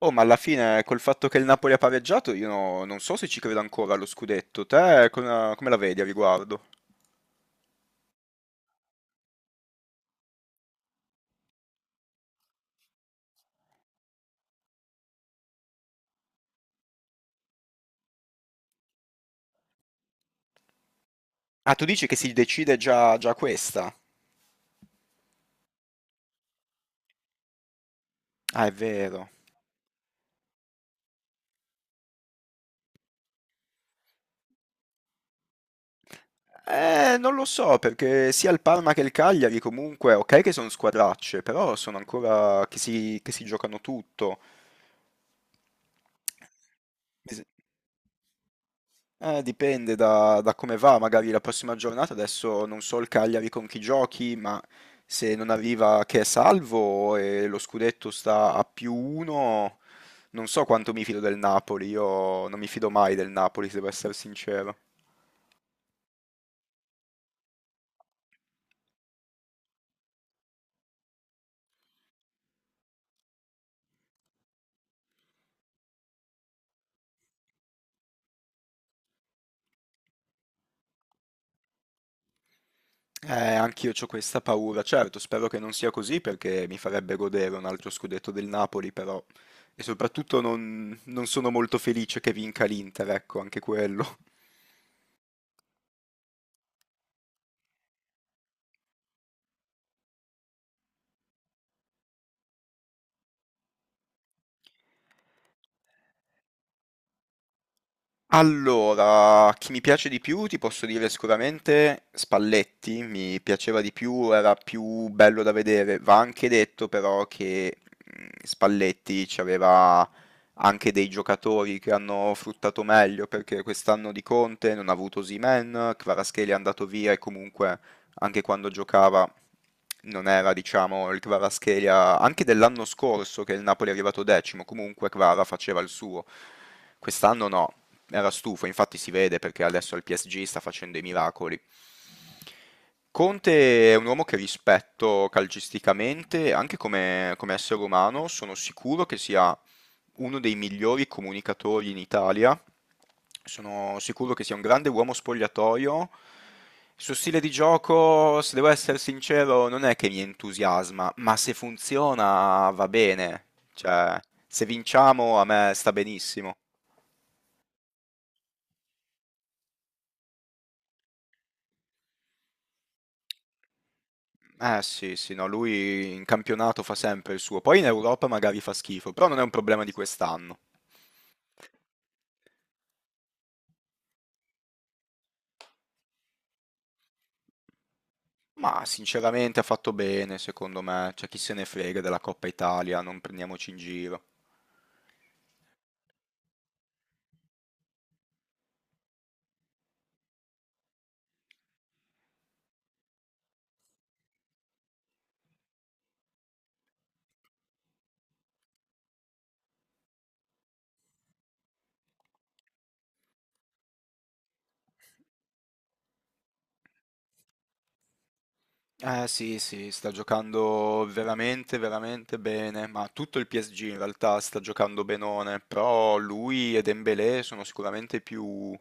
Oh, ma alla fine, col fatto che il Napoli ha pareggiato, io no- non so se ci credo ancora allo scudetto. Te come la vedi a riguardo? Ah, tu dici che si decide già questa? Ah, è vero. Non lo so, perché sia il Parma che il Cagliari comunque, ok che sono squadracce, però sono ancora che si giocano tutto. Es- dipende da come va, magari la prossima giornata, adesso non so il Cagliari con chi giochi, ma se non arriva che è salvo e lo scudetto sta a più uno, non so quanto mi fido del Napoli, io non mi fido mai del Napoli, se devo essere sincero. Anch'io ho questa paura, certo, spero che non sia così perché mi farebbe godere un altro scudetto del Napoli, però... E soprattutto non sono molto felice che vinca l'Inter, ecco, anche quello. Allora, chi mi piace di più ti posso dire sicuramente Spalletti, mi piaceva di più, era più bello da vedere. Va anche detto però che Spalletti ci aveva anche dei giocatori che hanno fruttato meglio perché quest'anno di Conte non ha avuto Osimhen, Kvaratskhelia è andato via e comunque anche quando giocava non era, diciamo, il Kvaratskhelia anche dell'anno scorso che il Napoli è arrivato decimo, comunque Kvara faceva il suo. Quest'anno no. Era stufo, infatti si vede perché adesso al PSG sta facendo i miracoli. Conte è un uomo che rispetto calcisticamente, anche come essere umano, sono sicuro che sia uno dei migliori comunicatori in Italia. Sono sicuro che sia un grande uomo spogliatoio. Il suo stile di gioco, se devo essere sincero, non è che mi entusiasma, ma se funziona va bene. Cioè, se vinciamo a me sta benissimo. Eh sì, sì, no, lui in campionato fa sempre il suo, poi in Europa magari fa schifo, però non è un problema di quest'anno. Ma sinceramente ha fatto bene, secondo me, c'è chi se ne frega della Coppa Italia, non prendiamoci in giro. Eh sì, sì, sta giocando veramente, veramente bene, ma tutto il PSG in realtà sta giocando benone, però lui e Dembélé sono sicuramente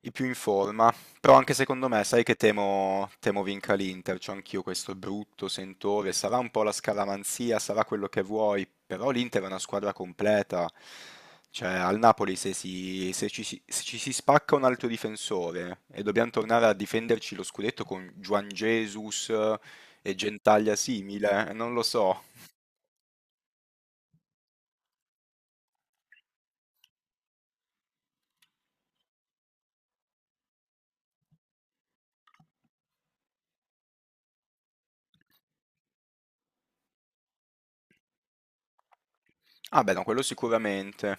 i più in forma. Però anche secondo me, sai che temo vinca l'Inter, c'ho anch'io questo brutto sentore, sarà un po' la scaramanzia, sarà quello che vuoi, però l'Inter è una squadra completa, cioè al Napoli se, si- se ci, si se ci si spacca un altro difensore e dobbiamo tornare a difenderci lo scudetto con Juan Jesus e Gentaglia simile, non lo so. Ah beh, no, quello sicuramente.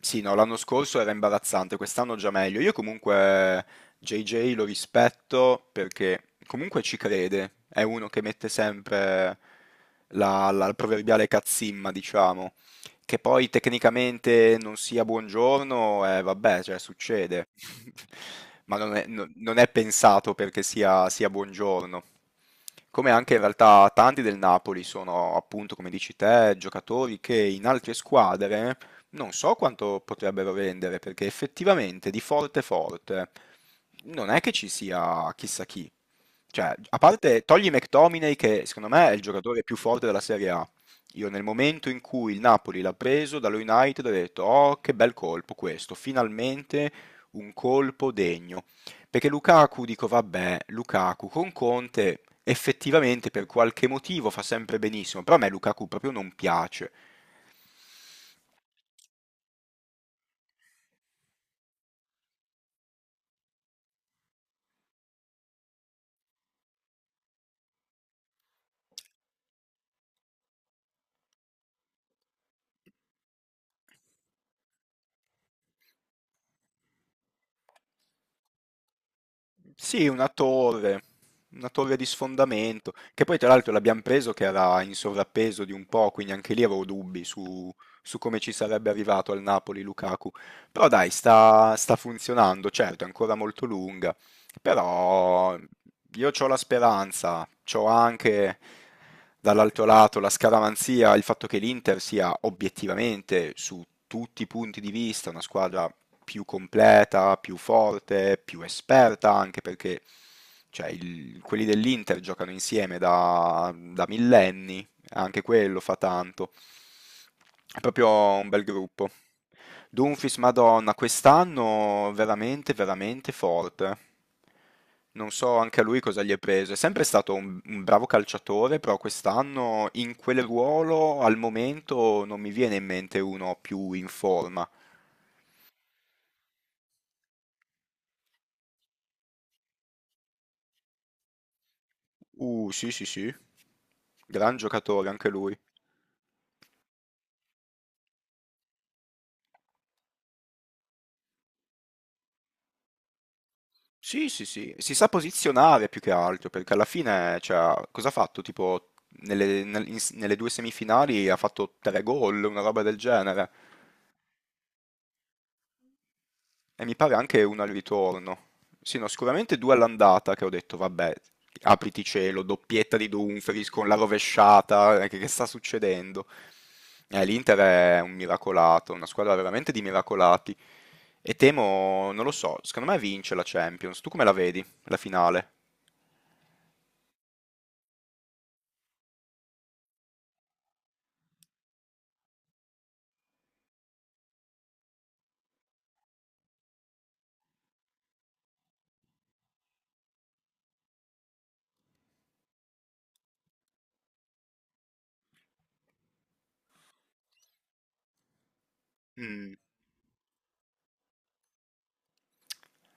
Sì, no, l'anno scorso era imbarazzante, quest'anno già meglio. Io comunque JJ lo rispetto perché comunque ci crede, è uno che mette sempre la proverbiale cazzimma, diciamo. Che poi tecnicamente non sia buongiorno, vabbè, cioè succede. Ma non è pensato perché sia buongiorno. Come anche in realtà tanti del Napoli sono, appunto, come dici te, giocatori che in altre squadre non so quanto potrebbero vendere, perché effettivamente di forte forte non è che ci sia chissà chi. Cioè, a parte togli McTominay, che secondo me è il giocatore più forte della Serie A, io nel momento in cui il Napoli l'ha preso dallo United ho detto: "Oh, che bel colpo questo, finalmente un colpo degno". Perché Lukaku dico: "Vabbè, Lukaku con Conte effettivamente per qualche motivo fa sempre benissimo", però a me Lukaku proprio non piace. Sì, una torre di sfondamento, che poi tra l'altro l'abbiamo preso che era in sovrappeso di un po', quindi anche lì avevo dubbi su come ci sarebbe arrivato al Napoli Lukaku. Però dai, sta funzionando, certo, è ancora molto lunga, però io ho la speranza, ho anche dall'altro lato la scaramanzia, il fatto che l'Inter sia obiettivamente su tutti i punti di vista una squadra più completa, più forte, più esperta, anche perché cioè, quelli dell'Inter giocano insieme da millenni, anche quello fa tanto. È proprio un bel gruppo. Dumfries, Madonna, quest'anno veramente, veramente forte. Non so anche a lui cosa gli è preso. È sempre stato un bravo calciatore, però quest'anno in quel ruolo al momento non mi viene in mente uno più in forma. Sì, sì, sì. Gran giocatore anche lui. Sì, sì, sì. Si sa posizionare più che altro, perché alla fine, cioè, cosa ha fatto? Tipo, nelle due semifinali ha fatto tre gol, una roba del genere. E mi pare anche uno al ritorno. Sì, no, sicuramente due all'andata che ho detto, vabbè, apriti cielo, doppietta di Dumfries con la rovesciata, che sta succedendo? l'Inter è un miracolato, una squadra veramente di miracolati. E temo, non lo so, secondo me vince la Champions. Tu come la vedi, la finale? Mm.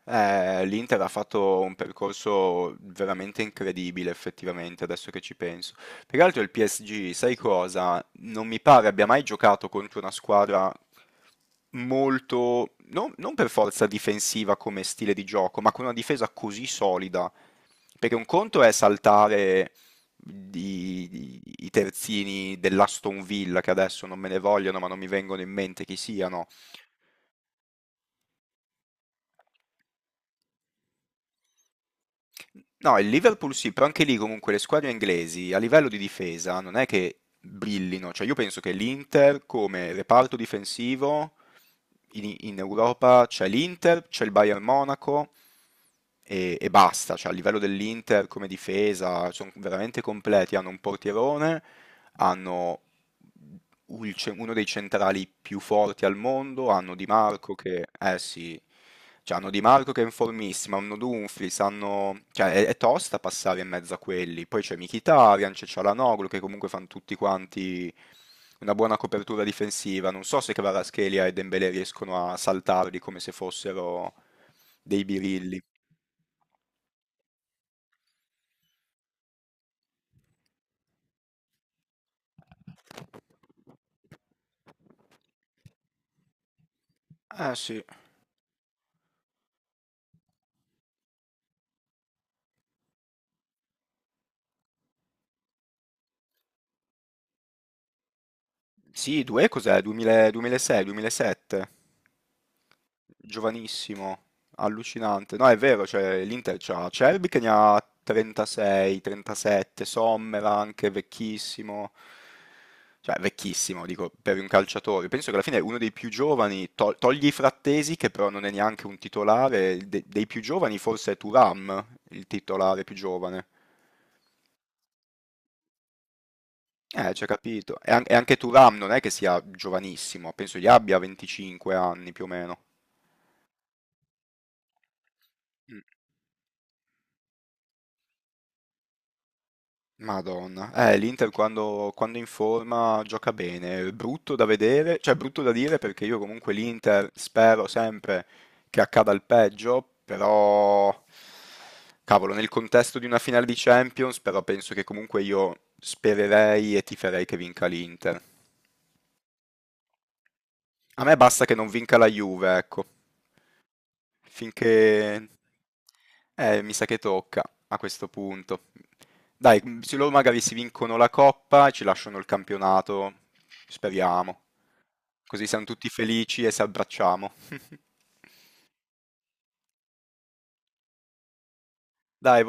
l'Inter ha fatto un percorso veramente incredibile, effettivamente, adesso che ci penso. Peraltro il PSG, sai cosa? Non mi pare abbia mai giocato contro una squadra molto, non per forza difensiva come stile di gioco, ma con una difesa così solida. Perché un conto è saltare i terzini dell'Aston Villa, che adesso non me ne vogliono, ma non mi vengono in mente chi siano. No, il Liverpool sì, però anche lì comunque le squadre inglesi a livello di difesa non è che brillino, cioè io penso che l'Inter come reparto difensivo in Europa c'è l'Inter, c'è il Bayern Monaco e basta, cioè a livello dell'Inter come difesa sono veramente completi, hanno un portierone, hanno uno dei centrali più forti al mondo, hanno Di Marco che, eh sì, cioè, hanno Di Marco che è in formissima, hanno Dumfries, hanno, cioè è tosta passare in mezzo a quelli, poi c'è Mkhitaryan, c'è Çalhanoğlu che comunque fanno tutti quanti una buona copertura difensiva, non so se Kvaratskhelia e Dembélé riescono a saltarli come se fossero dei birilli. Eh sì, sì, due cos'è? 2000 2006, 2007? Giovanissimo, allucinante. No, è vero, cioè, l'Inter c'ha Cerbi che ne ha 36, 37, Sommer anche vecchissimo, cioè vecchissimo, dico, per un calciatore. Penso che alla fine è uno dei più giovani, togli i Frattesi, che però non è neanche un titolare, dei più giovani forse è Thuram, il titolare più giovane. Ci ha capito. E anche Thuram non è che sia giovanissimo, penso gli abbia 25 anni più o meno. Mm. Madonna, l'Inter quando in forma gioca bene, brutto da vedere, cioè brutto da dire perché io comunque l'Inter spero sempre che accada il peggio, però cavolo, nel contesto di una finale di Champions, però penso che comunque io spererei e tiferei che vinca l'Inter. A me basta che non vinca la Juve, ecco. Finché... mi sa che tocca a questo punto. Dai, se loro magari si vincono la coppa, ci lasciano il campionato, speriamo. Così siamo tutti felici e si abbracciamo. Dai,